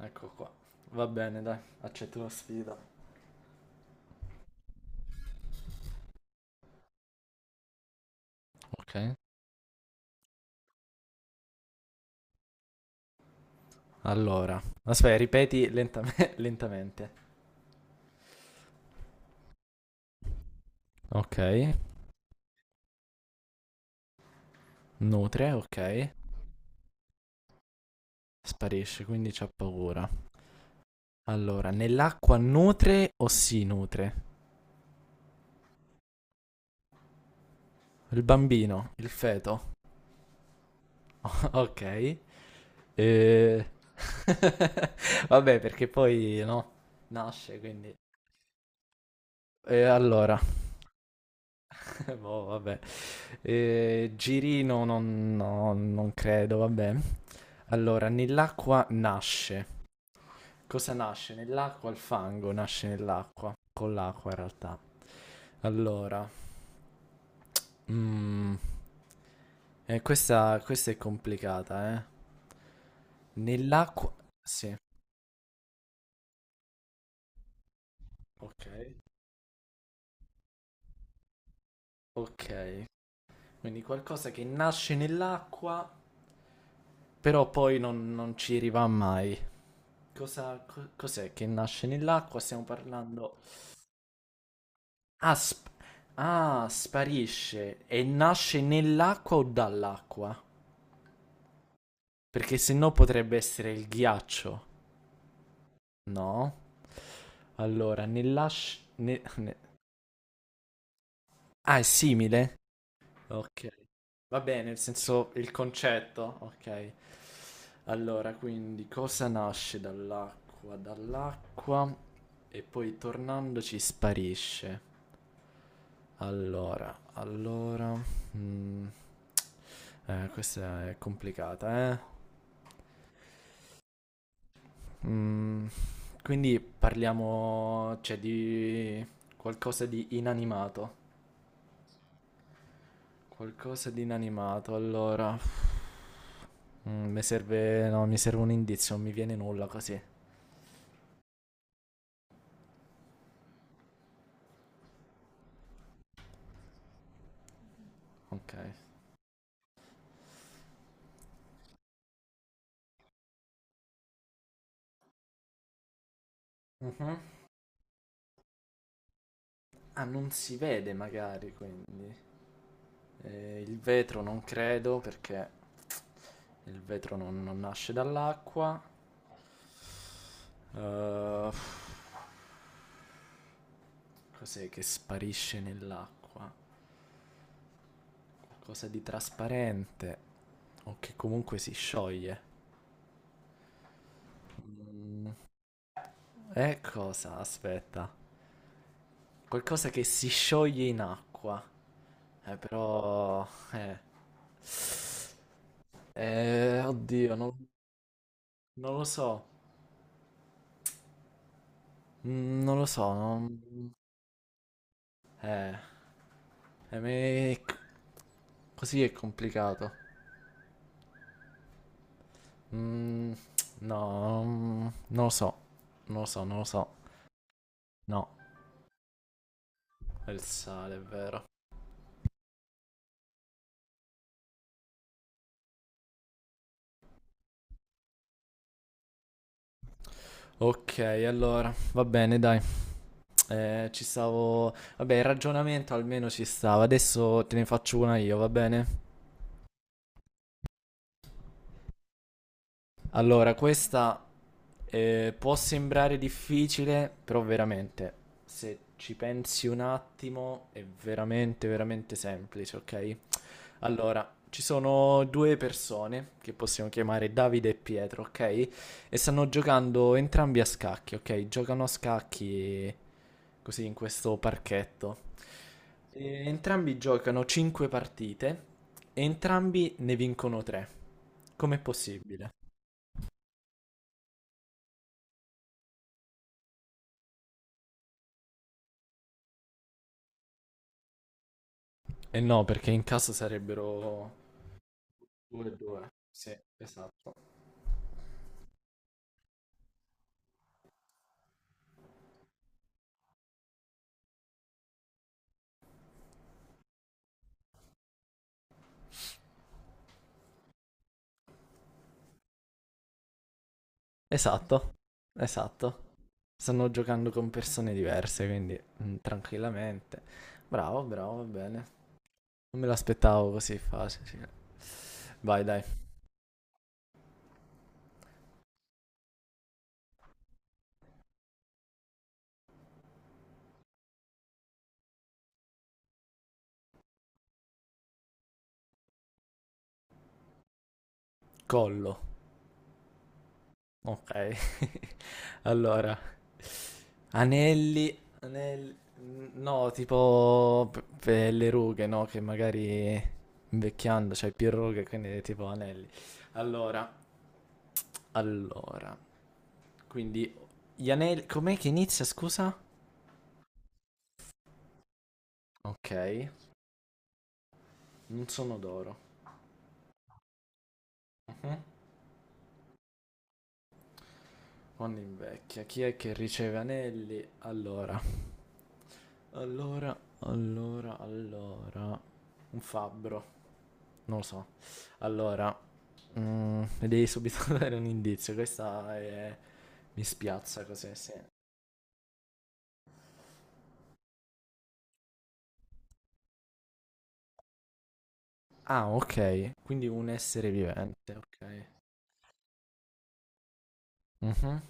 Ecco qua. Va bene, dai, accetto la sfida. Ok, aspetta, ripeti lentamente. Ok. Nutre, ok. Sparisce, quindi c'ha paura. Allora, nell'acqua nutre o si nutre? Il bambino, il feto, ok. E... vabbè, perché poi no, nasce, quindi... E allora, boh, vabbè. E Girino non, no, non credo, vabbè. Allora, nell'acqua nasce. Cosa nasce? Nell'acqua il fango nasce nell'acqua. Con l'acqua in realtà. Allora, mm, questa è complicata, eh. Nell'acqua... Sì, ok. Ok. Quindi qualcosa che nasce nell'acqua, però poi non, non ci arriva mai. Cosa, cos'è che nasce nell'acqua? Stiamo parlando... Ah, ah, sparisce. E nasce nell'acqua o dall'acqua? Perché se no potrebbe essere il ghiaccio, no? Allora, nella... sci- ne- ne- ah, è simile? Ok. Va bene, nel senso il concetto, ok. Allora, quindi cosa nasce dall'acqua? Dall'acqua e poi tornandoci sparisce. Allora, allora... mm. Questa è complicata, eh? Mm, quindi parliamo, cioè, di qualcosa di inanimato. Qualcosa di inanimato, allora. Mm, mi serve un indizio, non mi viene nulla così. Ok. Mhm. Ah, non si vede magari, quindi. Il vetro non credo perché il vetro non, non nasce dall'acqua. Eh, cos'è che sparisce nell'acqua? Cosa di trasparente o che comunque si scioglie. E cosa? Aspetta. Qualcosa che si scioglie in acqua. Però... Eh. Oddio, non, non lo so. Mm, non lo so, non... Eh. Eh, me- così è complicato. Mm, no, non lo so. Non lo so, non lo so. No, è il sale, è vero. Ok, allora, va bene, dai. Ci stavo... Vabbè, il ragionamento almeno ci stava. Adesso te ne faccio una io, va bene? Allora, questa può sembrare difficile, però veramente, se ci pensi un attimo, è veramente, veramente semplice, ok? Allora, ci sono due persone che possiamo chiamare Davide e Pietro, ok? E stanno giocando entrambi a scacchi, ok? Giocano a scacchi così in questo parchetto. E entrambi giocano 5 partite e entrambi ne vincono 3. Com'è possibile? E no, perché in caso sarebbero 2-2. Sì, esatto. Esatto, esatto. Stanno giocando con persone diverse, quindi mm, tranquillamente. Bravo, bravo, va bene. Non me l'aspettavo così facile. Vai, dai. Collo. Ok. Allora, anelli, no, tipo per le rughe, no? Che magari invecchiando c'hai più rughe, quindi tipo anelli. Allora, allora, quindi gli anelli, com'è che inizia, scusa? Ok, non sono d'oro. Mhm. Quando invecchia, chi è che riceve anelli? Allora, allora, allora, un fabbro, non lo so. Allora, mm, mi devi subito dare un indizio. Questa è... mi spiazza così, sì. Ah, ok. Quindi un essere vivente, ok. Mhm.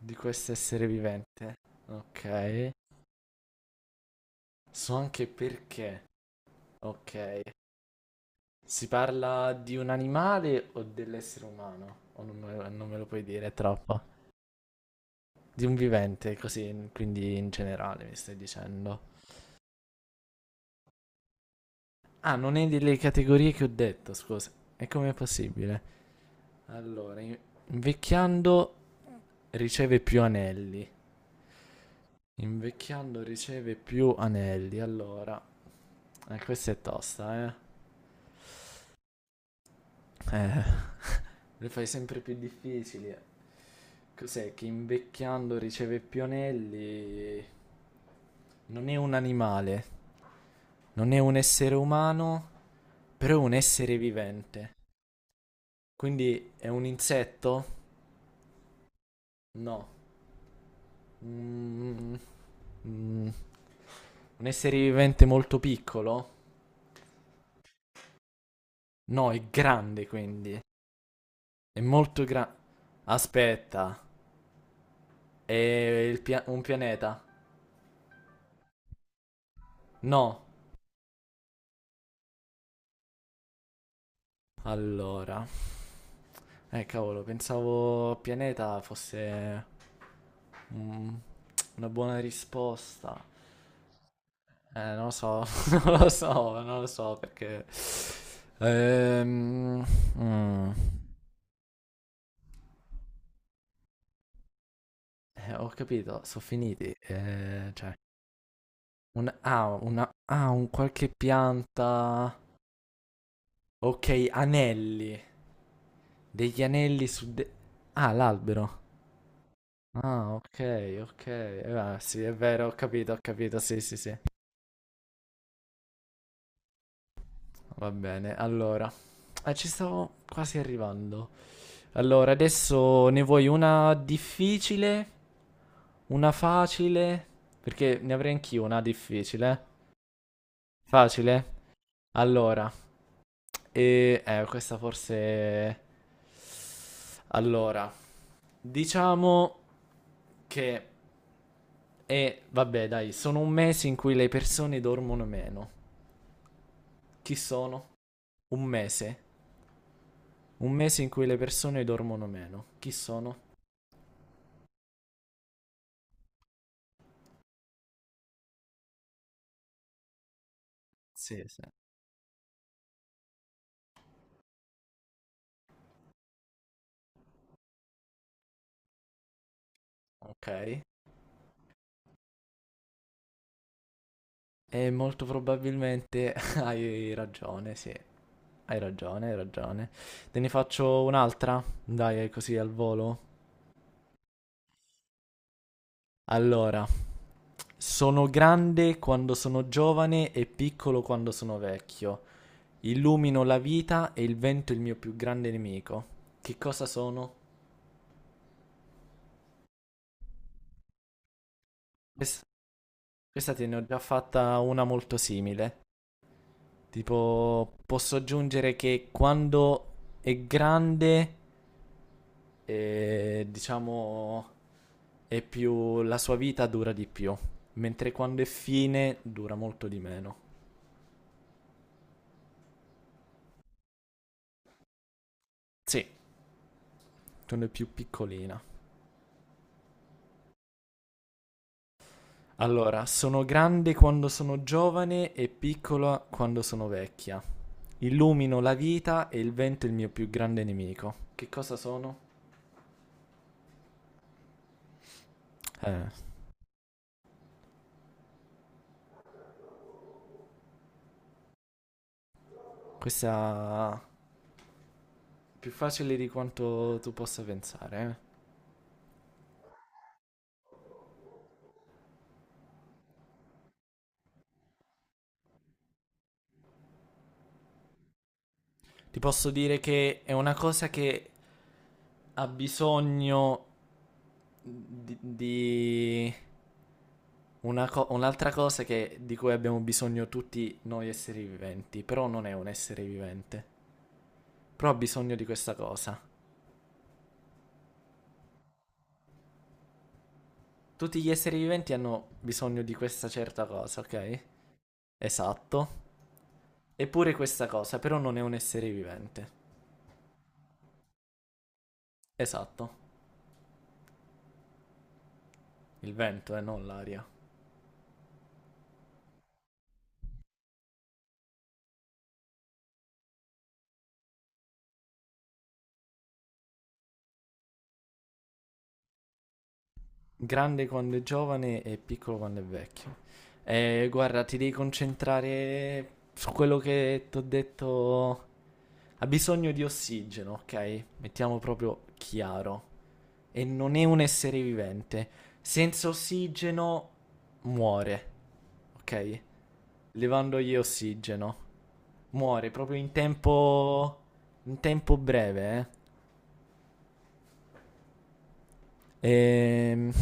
Di questo essere vivente. Ok. So anche perché. Ok. Si parla di un animale o dell'essere umano? O non me lo puoi dire, è troppo. Di un vivente, così, quindi in generale mi stai dicendo. Ah, non è delle categorie che ho detto, scusa. E com'è possibile? Allora, invecchiando riceve più anelli. Invecchiando riceve più anelli. Allora, questa è tosta, eh. Eh, le fai sempre più difficili. Cos'è che invecchiando riceve più anelli? Non è un animale, non è un essere umano, però è un essere vivente. Quindi è un insetto? No. Mm, mm, mm. Un essere vivente molto piccolo? No, è grande quindi. È molto grande. Aspetta, è il un pianeta? No. Allora, cavolo, pensavo pianeta fosse un- una buona risposta. Non lo so, non lo so, non lo so perché... Ehm, mm. Ho capito, sono finiti. Cioè, un, ah, una, ah, un qualche pianta. Ok, anelli. Degli anelli ah, l'albero. Ah, ok, ok. Ah, sì, è vero, ho capito, ho capito. Sì, sì, sì. Va bene. Allora, ci stavo quasi arrivando. Allora, adesso ne vuoi una difficile? Una facile? Perché ne avrei anch'io una difficile. Facile? Allora, questa forse. Allora, diciamo che. Vabbè, dai, sono un mese in cui le persone dormono meno. Chi sono? Un mese. Un mese in cui le persone dormono meno. Chi sono? Sì, sì. Ok. E molto probabilmente hai ragione, sì. Hai ragione, hai ragione. Te ne faccio un'altra? Dai, così al volo. Allora, sono grande quando sono giovane e piccolo quando sono vecchio. Illumino la vita e il vento è il mio più grande nemico. Che cosa sono? Questa, questa te ne ho già fatta una molto simile. Tipo, posso aggiungere che quando è grande, diciamo, la sua vita dura di più, mentre quando è fine dura molto di meno. Sì, quando è più piccolina. Allora, sono grande quando sono giovane e piccola quando sono vecchia. Illumino la vita e il vento è il mio più grande nemico. Che cosa sono? Eh, questa è più facile di quanto tu possa pensare, eh. Ti posso dire che è una cosa che ha bisogno di una un'altra cosa di cui abbiamo bisogno tutti noi esseri viventi, però non è un essere vivente, però ha bisogno di questa cosa. Tutti gli esseri viventi hanno bisogno di questa certa cosa, ok? Esatto. Eppure questa cosa, però non è un essere vivente. Esatto. Il vento e non l'aria. Grande quando è giovane e piccolo quando è vecchio. Guarda, ti devi concentrare su quello che ti ho detto. Ha bisogno di ossigeno, ok? Mettiamo proprio chiaro. E non è un essere vivente. Senza ossigeno muore, ok? Levandogli ossigeno. Muore proprio in tempo breve, eh.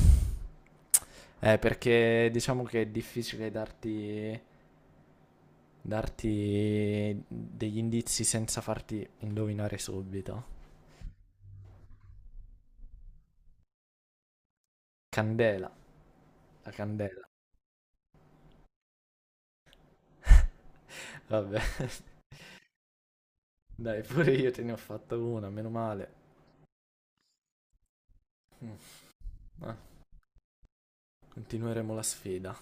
Perché diciamo che è difficile darti degli indizi senza farti indovinare subito. Candela, la candela. Vabbè, dai, pure io te ne ho fatta una, meno male. Mm, ah, continueremo la sfida.